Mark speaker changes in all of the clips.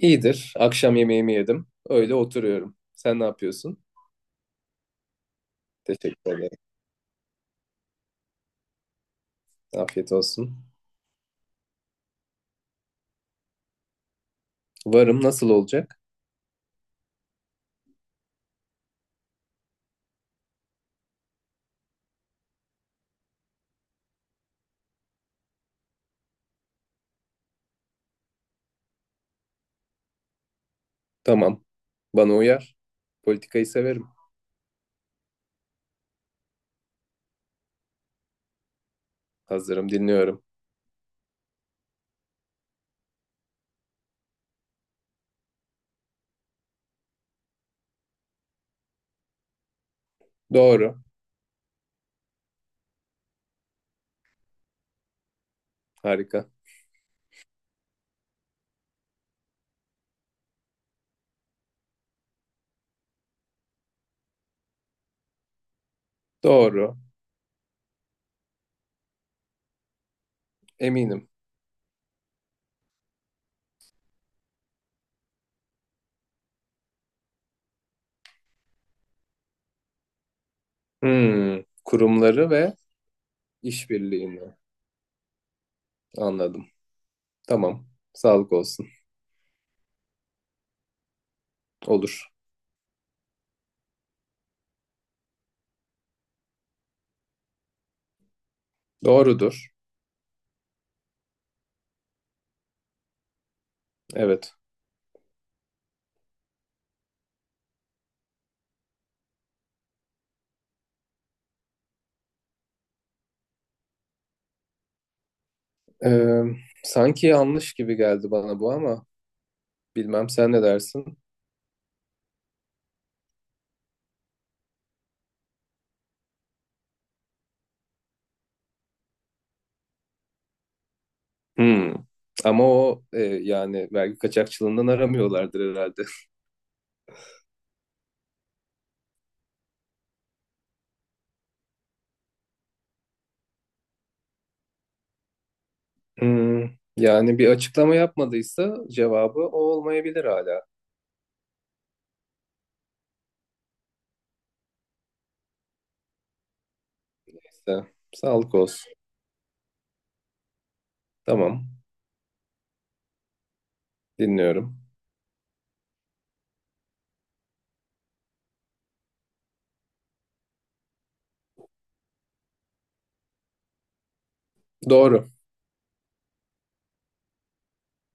Speaker 1: İyidir. Akşam yemeğimi yedim. Öyle oturuyorum. Sen ne yapıyorsun? Teşekkür ederim. Afiyet olsun. Varım, nasıl olacak? Tamam. Bana uyar. Politikayı severim. Hazırım, dinliyorum. Doğru. Harika. Doğru. Eminim. Hmm. Kurumları ve işbirliğini anladım. Tamam. Sağlık olsun. Olur. Doğrudur. Evet. Ee, Sanki yanlış gibi geldi bana bu, ama bilmem sen ne dersin? Hmm. Ama yani vergi kaçakçılığından aramıyorlardır herhalde. Hmm. Yani bir açıklama yapmadıysa cevabı o olmayabilir hala. İşte, sağlık olsun. Tamam. Dinliyorum. Doğru.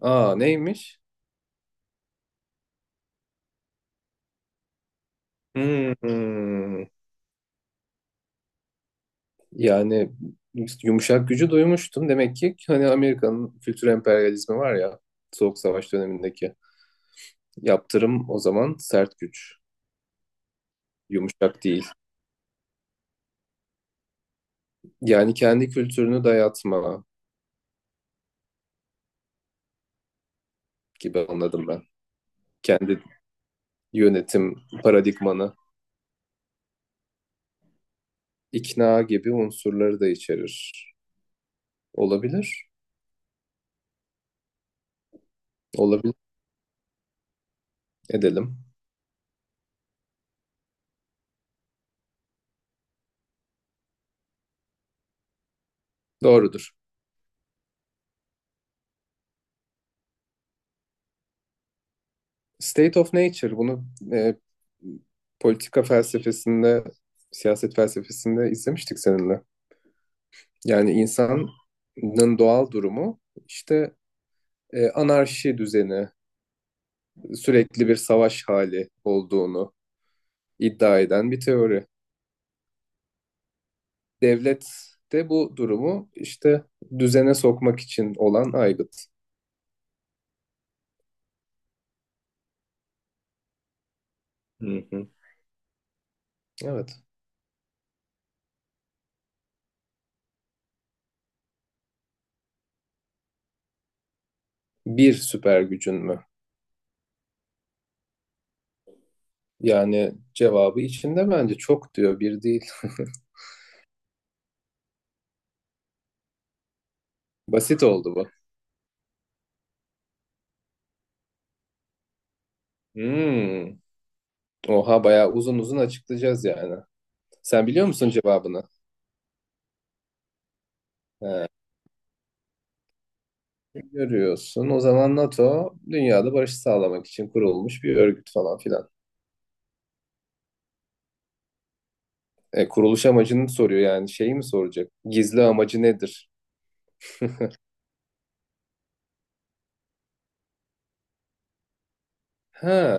Speaker 1: Aa, neymiş? Hmm. Yani yumuşak gücü duymuştum. Demek ki hani Amerika'nın kültür emperyalizmi var ya, Soğuk Savaş dönemindeki. Yaptırım o zaman sert güç. Yumuşak değil. Yani kendi kültürünü dayatma gibi anladım ben. Kendi yönetim paradigmanı, ikna gibi unsurları da içerir. Olabilir, olabilir edelim. Doğrudur. State of Nature bunu e, politika felsefesinde, siyaset felsefesinde izlemiştik seninle. Yani insanın doğal durumu işte anarşi düzeni, sürekli bir savaş hali olduğunu iddia eden bir teori. Devlet de bu durumu işte düzene sokmak için olan aygıt. Hı hı. Evet. Bir süper gücün mü? Yani cevabı içinde, bence çok diyor bir değil. Basit oldu bu. Hmm. Oha, bayağı uzun uzun açıklayacağız yani. Sen biliyor musun cevabını? He. Görüyorsun. O zaman NATO dünyada barışı sağlamak için kurulmuş bir örgüt falan filan. E, kuruluş amacını soruyor yani şeyi mi soracak? Gizli amacı nedir? Ha,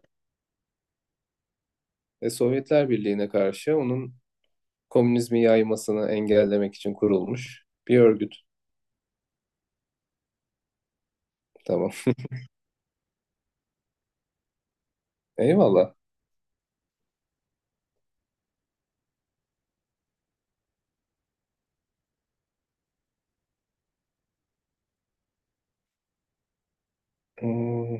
Speaker 1: Sovyetler Birliği'ne karşı onun komünizmi yaymasını engellemek için kurulmuş bir örgüt. Tamam. Eyvallah. Hmm,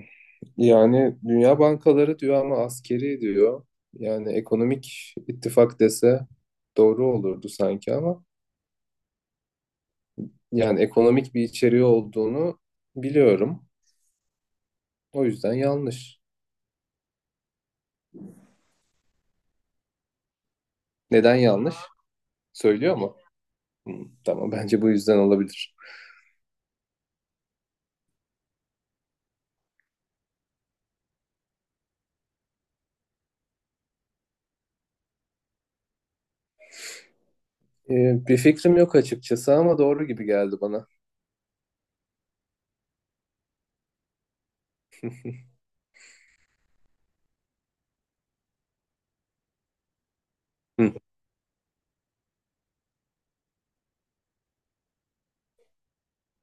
Speaker 1: yani Dünya Bankaları diyor ama askeri diyor. Yani ekonomik ittifak dese doğru olurdu sanki, ama yani ekonomik bir içeriği olduğunu biliyorum. O yüzden yanlış. Neden yanlış? Söylüyor mu? Hmm, tamam, bence bu yüzden olabilir. Bir fikrim yok açıkçası, ama doğru gibi geldi bana. Hı,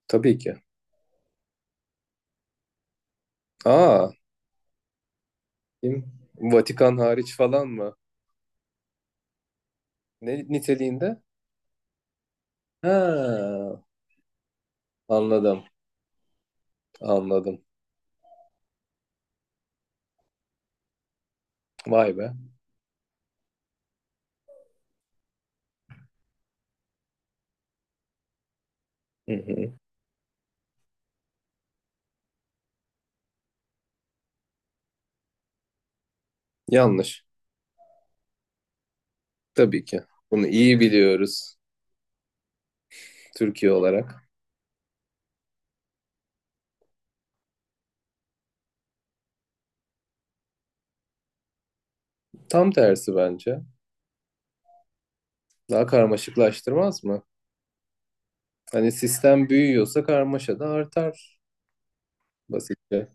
Speaker 1: tabii ki. Aa, kim? Vatikan hariç falan mı? Ne niteliğinde? Ha, anladım. Anladım. Vay be. Hı hı. Yanlış. Tabii ki. Bunu iyi biliyoruz Türkiye olarak. Tam tersi bence. Daha karmaşıklaştırmaz mı? Hani sistem büyüyorsa karmaşa da artar basitçe.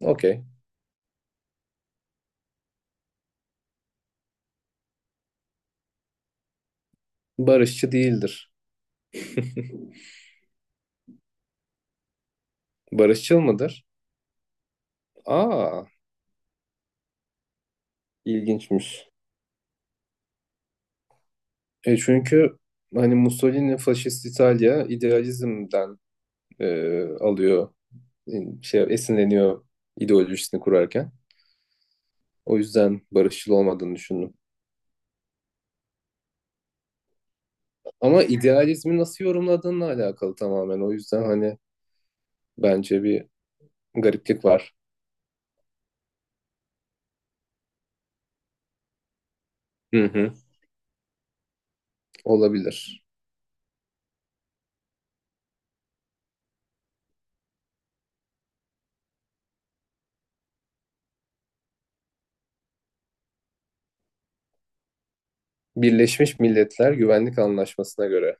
Speaker 1: Okey. Barışçı değildir. Barışçıl mıdır? Aa, ilginçmiş. E çünkü hani Mussolini faşist İtalya idealizmden alıyor, e, şey esinleniyor ideolojisini kurarken. O yüzden barışçıl olmadığını düşündüm. Ama idealizmi nasıl yorumladığınla alakalı tamamen. O yüzden hani bence bir gariplik var. Hı hı. Olabilir. Birleşmiş Milletler Güvenlik Anlaşması'na göre.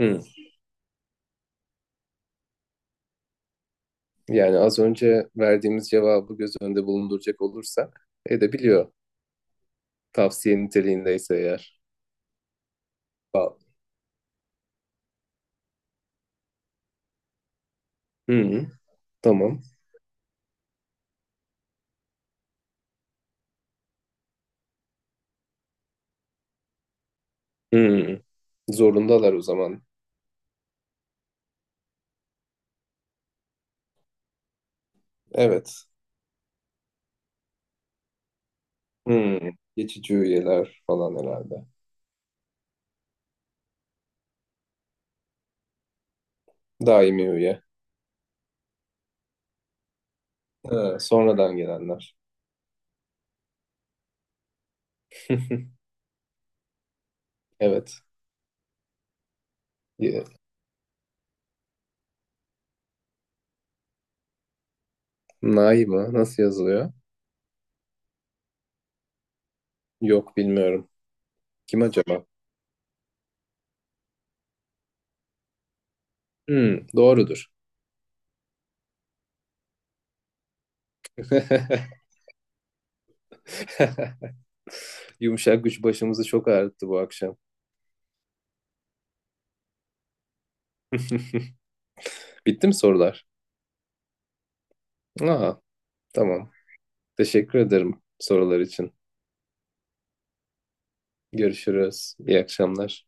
Speaker 1: Hı. Yani az önce verdiğimiz cevabı göz önünde bulunduracak olursak edebiliyor. Tavsiye niteliğindeyse eğer. Ba- Hı hı. Tamam. Hı Zorundalar o zaman. Evet. Hı. Geçici üyeler falan herhalde. Daimi üye. Ha, sonradan gelenler. Evet. Nay mı? Nasıl yazılıyor? Yok, bilmiyorum. Kim acaba? Hmm, doğrudur. Yumuşak güç başımızı çok ağrıttı bu akşam. Bitti mi sorular? Aa, tamam. Teşekkür ederim sorular için. Görüşürüz. İyi akşamlar.